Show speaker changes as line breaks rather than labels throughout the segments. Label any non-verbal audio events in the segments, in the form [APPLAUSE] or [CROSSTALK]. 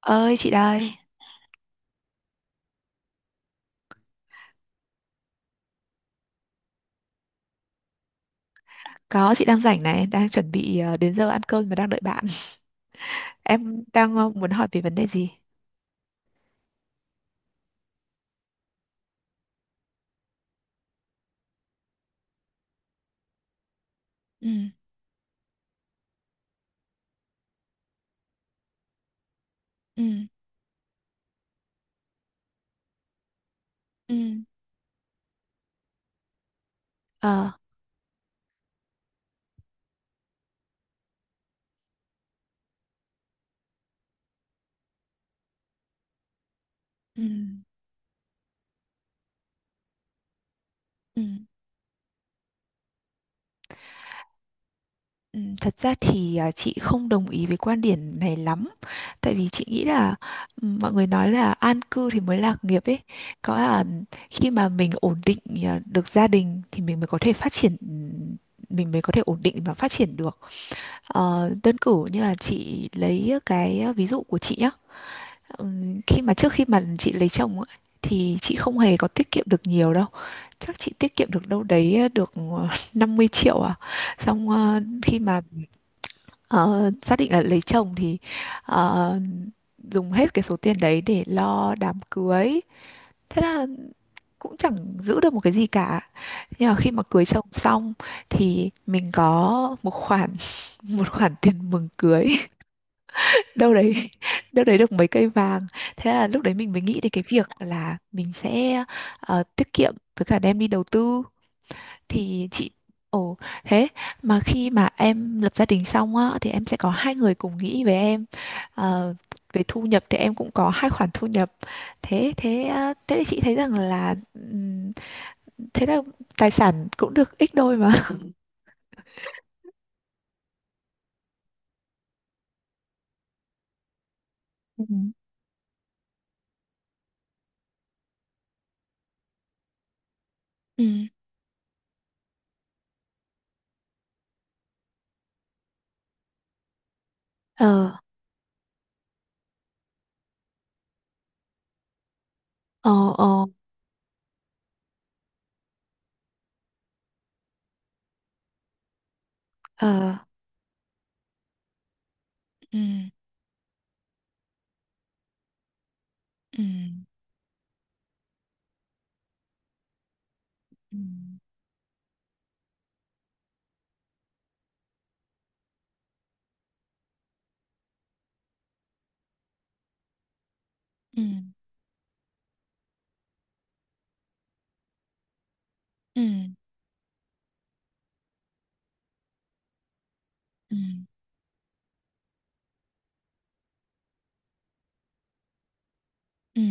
Ơi chị đây. Có, chị đang rảnh này, đang chuẩn bị đến giờ ăn cơm mà đang đợi bạn. [LAUGHS] Em đang muốn hỏi về vấn đề gì? Ừ, ừ, ừ, ờ, ừ, ừ. Ừ, thật ra thì chị không đồng ý với quan điểm này lắm. Tại vì chị nghĩ là, ừ, mọi người nói là an cư thì mới lạc nghiệp ấy. Có là khi mà mình ổn định được gia đình thì mình mới có thể phát triển, mình mới có thể ổn định và phát triển được. Ờ, đơn cử như là chị lấy cái ví dụ của chị nhá. Khi mà trước khi mà chị lấy chồng ấy, thì chị không hề có tiết kiệm được nhiều đâu. Chắc chị tiết kiệm được đâu đấy được [LAUGHS] 50 triệu à. Xong khi mà ờ, xác định là lấy chồng thì ờ, dùng hết cái số tiền đấy để lo đám cưới. Thế là cũng chẳng giữ được một cái gì cả. Nhưng mà khi mà cưới chồng xong thì mình có một khoản [LAUGHS] một khoản tiền mừng cưới, đâu đấy [LAUGHS] đâu đấy được mấy cây vàng. Thế là lúc đấy mình mới nghĩ đến cái việc là mình sẽ tiết kiệm với cả đem đi đầu tư. Thì chị, ồ, thế mà khi mà em lập gia đình xong á thì em sẽ có hai người cùng nghĩ với em. Ờ, về thu nhập thì em cũng có hai khoản thu nhập. Thế thế ờ, thế thì chị thấy rằng là, thế là tài sản cũng được ít đôi mà. [LAUGHS] Ừ. Ừ. Ờ. Ờ. Ờ. Ừ. Ờ. Ừ, ừ, ừ, ừ, ừ, ừ, ừ,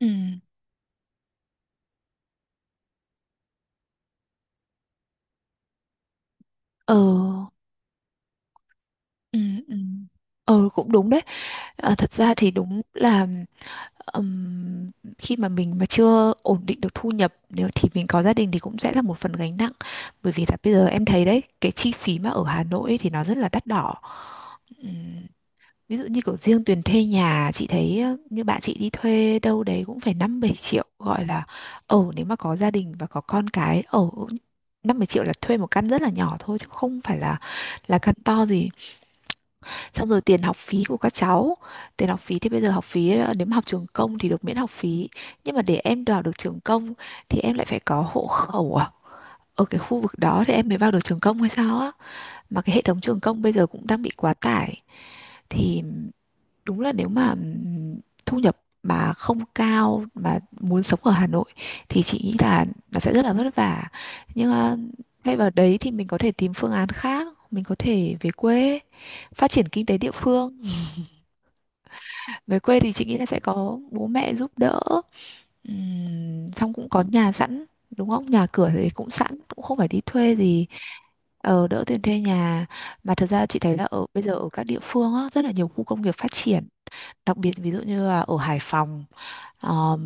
ừ, ờ, ừ, ừ. Ờ, cũng đúng đấy. Ờ, thật ra thì đúng là, ừm, khi mà mình mà chưa ổn định được thu nhập nếu thì mình có gia đình thì cũng sẽ là một phần gánh nặng. Bởi vì là bây giờ em thấy đấy, cái chi phí mà ở Hà Nội ấy thì nó rất là đắt đỏ. Ví dụ như kiểu riêng tiền thuê nhà, chị thấy như bạn chị đi thuê đâu đấy cũng phải 5-7 triệu, gọi là ở nếu mà có gia đình và có con cái ở, 5-7 triệu là thuê một căn rất là nhỏ thôi chứ không phải là căn to gì. Xong rồi tiền học phí của các cháu. Tiền học phí thì bây giờ học phí, nếu mà học trường công thì được miễn học phí. Nhưng mà để em vào được trường công thì em lại phải có hộ khẩu à? Ở cái khu vực đó thì em mới vào được trường công hay sao á? Mà cái hệ thống trường công bây giờ cũng đang bị quá tải, thì đúng là nếu mà, thu nhập mà không cao mà muốn sống ở Hà Nội thì chị nghĩ là nó sẽ rất là vất vả. Nhưng thay vào đấy thì mình có thể tìm phương án khác, mình có thể về quê phát triển kinh tế địa phương. Về quê thì chị nghĩ là sẽ có bố mẹ giúp đỡ. Xong cũng có nhà sẵn, đúng không, nhà cửa thì cũng sẵn, cũng không phải đi thuê gì. Đỡ tiền thuê nhà. Mà thật ra chị thấy là ở bây giờ, ở các địa phương á, rất là nhiều khu công nghiệp phát triển. Đặc biệt ví dụ như là ở Hải Phòng, ờ,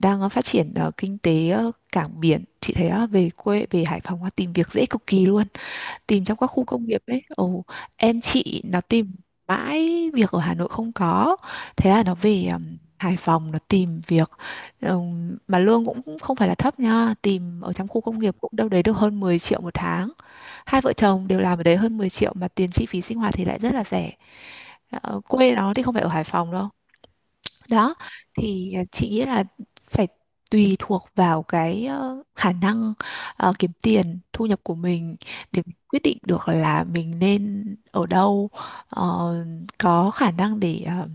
đang phát triển kinh tế cảng biển. Chị thấy về quê về Hải Phòng tìm việc dễ cực kỳ luôn. Tìm trong các khu công nghiệp ấy. Ồ, em chị nó tìm mãi việc ở Hà Nội không có, thế là nó về Hải Phòng nó tìm việc. Mà lương cũng không phải là thấp nha, tìm ở trong khu công nghiệp cũng đâu đấy được hơn 10 triệu một tháng. Hai vợ chồng đều làm ở đấy hơn 10 triệu, mà tiền chi phí sinh hoạt thì lại rất là rẻ. Ờ, quê nó thì không phải ở Hải Phòng đâu. Đó thì, chị nghĩ là phải tùy thuộc vào cái khả năng kiếm tiền thu nhập của mình, để mình quyết định được là mình nên ở đâu, ờ, có khả năng để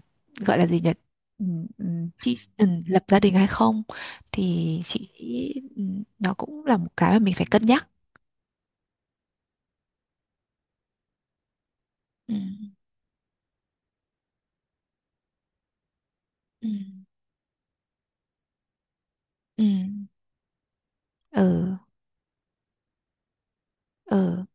gọi là gì nhỉ, chị lập gia đình hay không. Thì chị nghĩ, nó cũng là một cái mà mình phải cân nhắc. Ừ, ừ, ừ, ừ, ừ,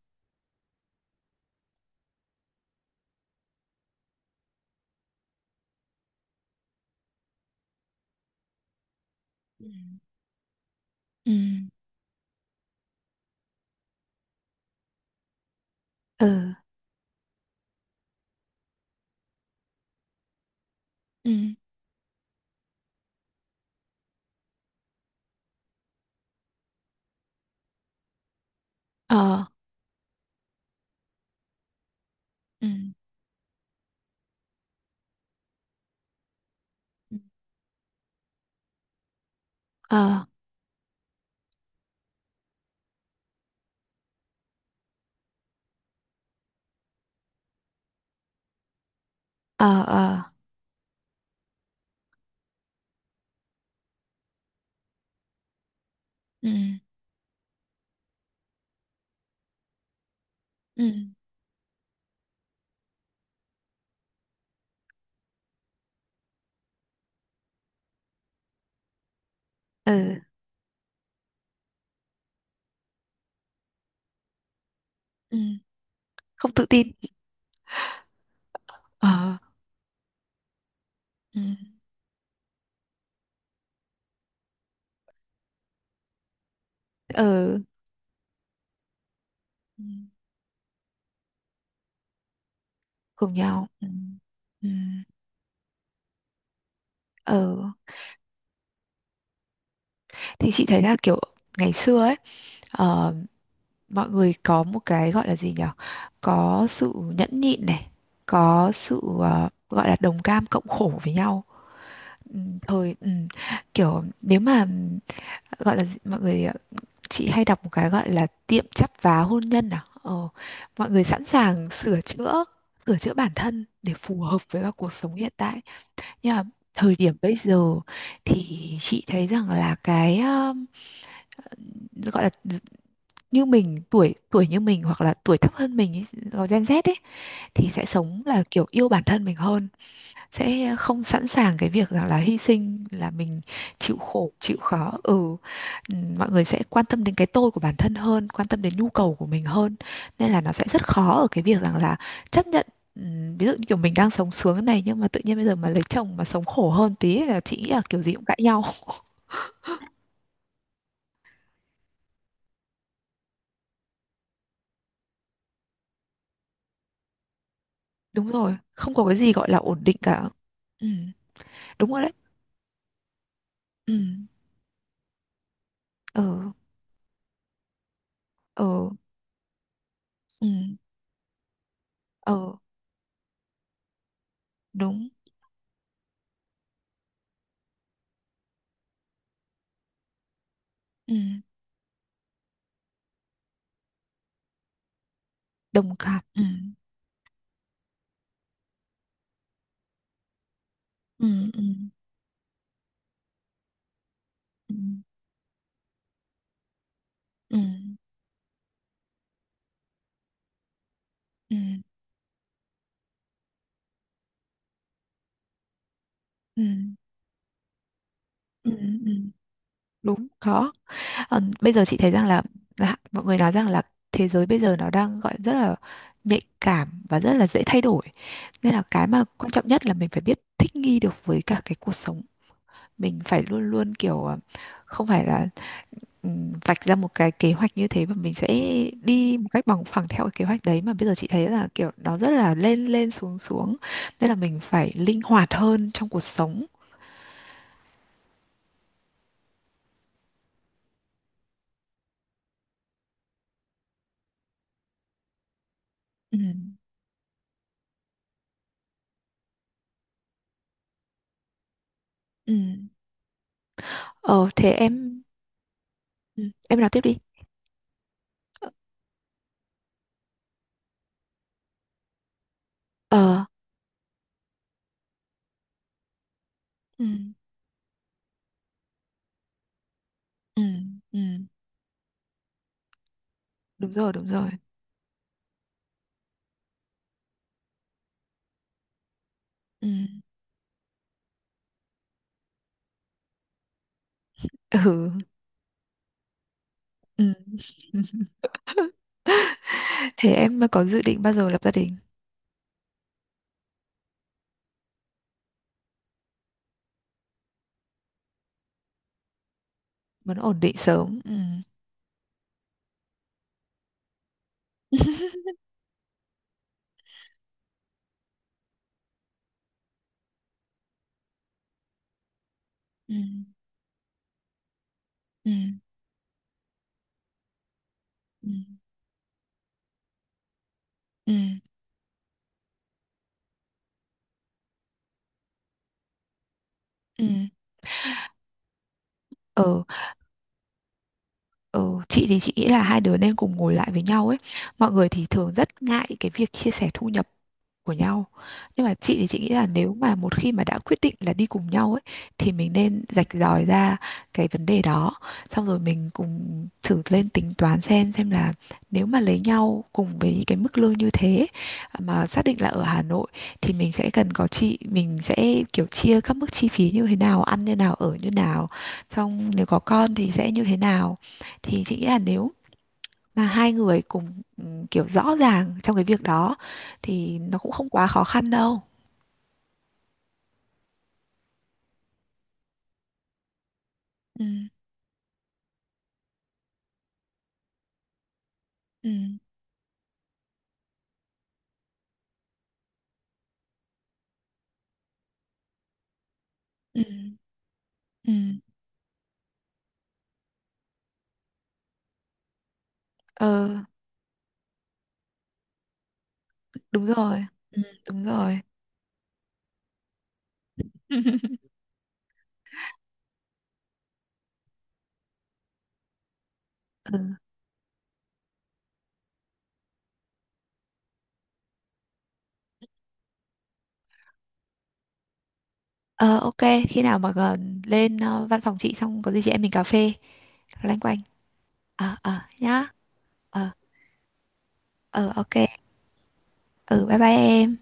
ừ, ừ, ừ, ừ, ờ, ừ. Ờ, ờ, ờ, ừ, ừ, ừ, ừ. Không tự tin. Ờ, ừ, ừ, ừ, cùng nhau, ừ, ừ, ừ. Thì chị thấy là kiểu ngày xưa ấy, ờ, mọi người có một cái gọi là gì nhở, có sự nhẫn nhịn này, có sự gọi là đồng cam cộng khổ với nhau. Ừ, thời, ừ, kiểu nếu mà gọi là mọi người, chị hay đọc một cái gọi là tiệm chắp vá hôn nhân à, mọi người sẵn sàng sửa chữa, sửa chữa bản thân để phù hợp với các cuộc sống hiện tại. Nhưng mà thời điểm bây giờ, thì chị thấy rằng là cái, gọi là như mình, tuổi tuổi như mình hoặc là tuổi thấp hơn mình ý, gọi Gen Z ấy, thì sẽ sống là kiểu yêu bản thân mình hơn. Sẽ không sẵn sàng cái việc rằng là hy sinh là mình chịu khổ chịu khó, ừ. Mọi người sẽ quan tâm đến cái tôi của bản thân hơn, quan tâm đến nhu cầu của mình hơn, nên là nó sẽ rất khó ở cái việc rằng là chấp nhận, ví dụ như kiểu mình đang sống sướng này, nhưng mà tự nhiên bây giờ mà lấy chồng mà sống khổ hơn tí là chị nghĩ là kiểu gì cũng cãi nhau. [LAUGHS] Đúng rồi, không có cái gì gọi là ổn định cả. Ừ. Đúng rồi đấy. Ừ, ừ, ừ, ừ, ừ. Đúng. Ừ. Đồng cảm. Ừ, ừ, ừ, ừ. Ừ, ừ, ừ, ừ, ừ. Đúng, khó. Ờ, bây giờ chị thấy rằng là mọi người nói rằng là thế giới bây giờ nó đang gọi rất là nhạy cảm và rất là dễ thay đổi. Nên là cái mà quan trọng nhất là mình phải biết thích nghi được với cả cái cuộc sống. Mình phải luôn luôn kiểu không phải là, vạch ra một cái kế hoạch như thế và mình sẽ đi một cách bằng phẳng theo cái kế hoạch đấy, mà bây giờ chị thấy là kiểu nó rất là lên lên xuống xuống. Nên là mình phải linh hoạt hơn trong cuộc sống. Ừ. Ừ. Ờ, thế em nói tiếp đi. Ờ, ừ, ừ, ừ. Đúng rồi, đúng rồi. Ừ, ừ, ừ. [LAUGHS] Thế em có dự định bao giờ lập gia đình? Muốn ổn định sớm. Ừ. [LAUGHS] Ừ, ừ, ừ, ừ, ừ. Ừ. Ừ, chị thì chị nghĩ là hai đứa nên cùng ngồi lại với nhau ấy. Mọi người thì thường rất ngại cái việc chia sẻ thu nhập của nhau. Nhưng mà chị thì chị nghĩ là nếu mà một khi mà đã quyết định là đi cùng nhau ấy thì mình nên rạch ròi ra cái vấn đề đó. Xong rồi mình cùng thử lên tính toán xem là nếu mà lấy nhau cùng với cái mức lương như thế, à, mà xác định là ở Hà Nội thì mình sẽ cần có chị, mình sẽ kiểu chia các mức chi phí như thế nào, ăn như nào, ở như nào. Xong nếu có con thì sẽ như thế nào. Thì chị nghĩ là nếu mà hai người cùng, ừ, kiểu rõ ràng trong cái việc đó thì nó cũng không quá khó khăn đâu. Ừ, ừ, ừ, ừ. Ờ, đúng rồi. Ừ, đúng rồi. [LAUGHS] Ừ. Ờ, ok, khi nào mà gần lên văn phòng chị xong, có gì chị em mình cà phê loanh quanh. Ờ, ờ, nhá. Ờ, ờ, ok. Ừ, bye bye em.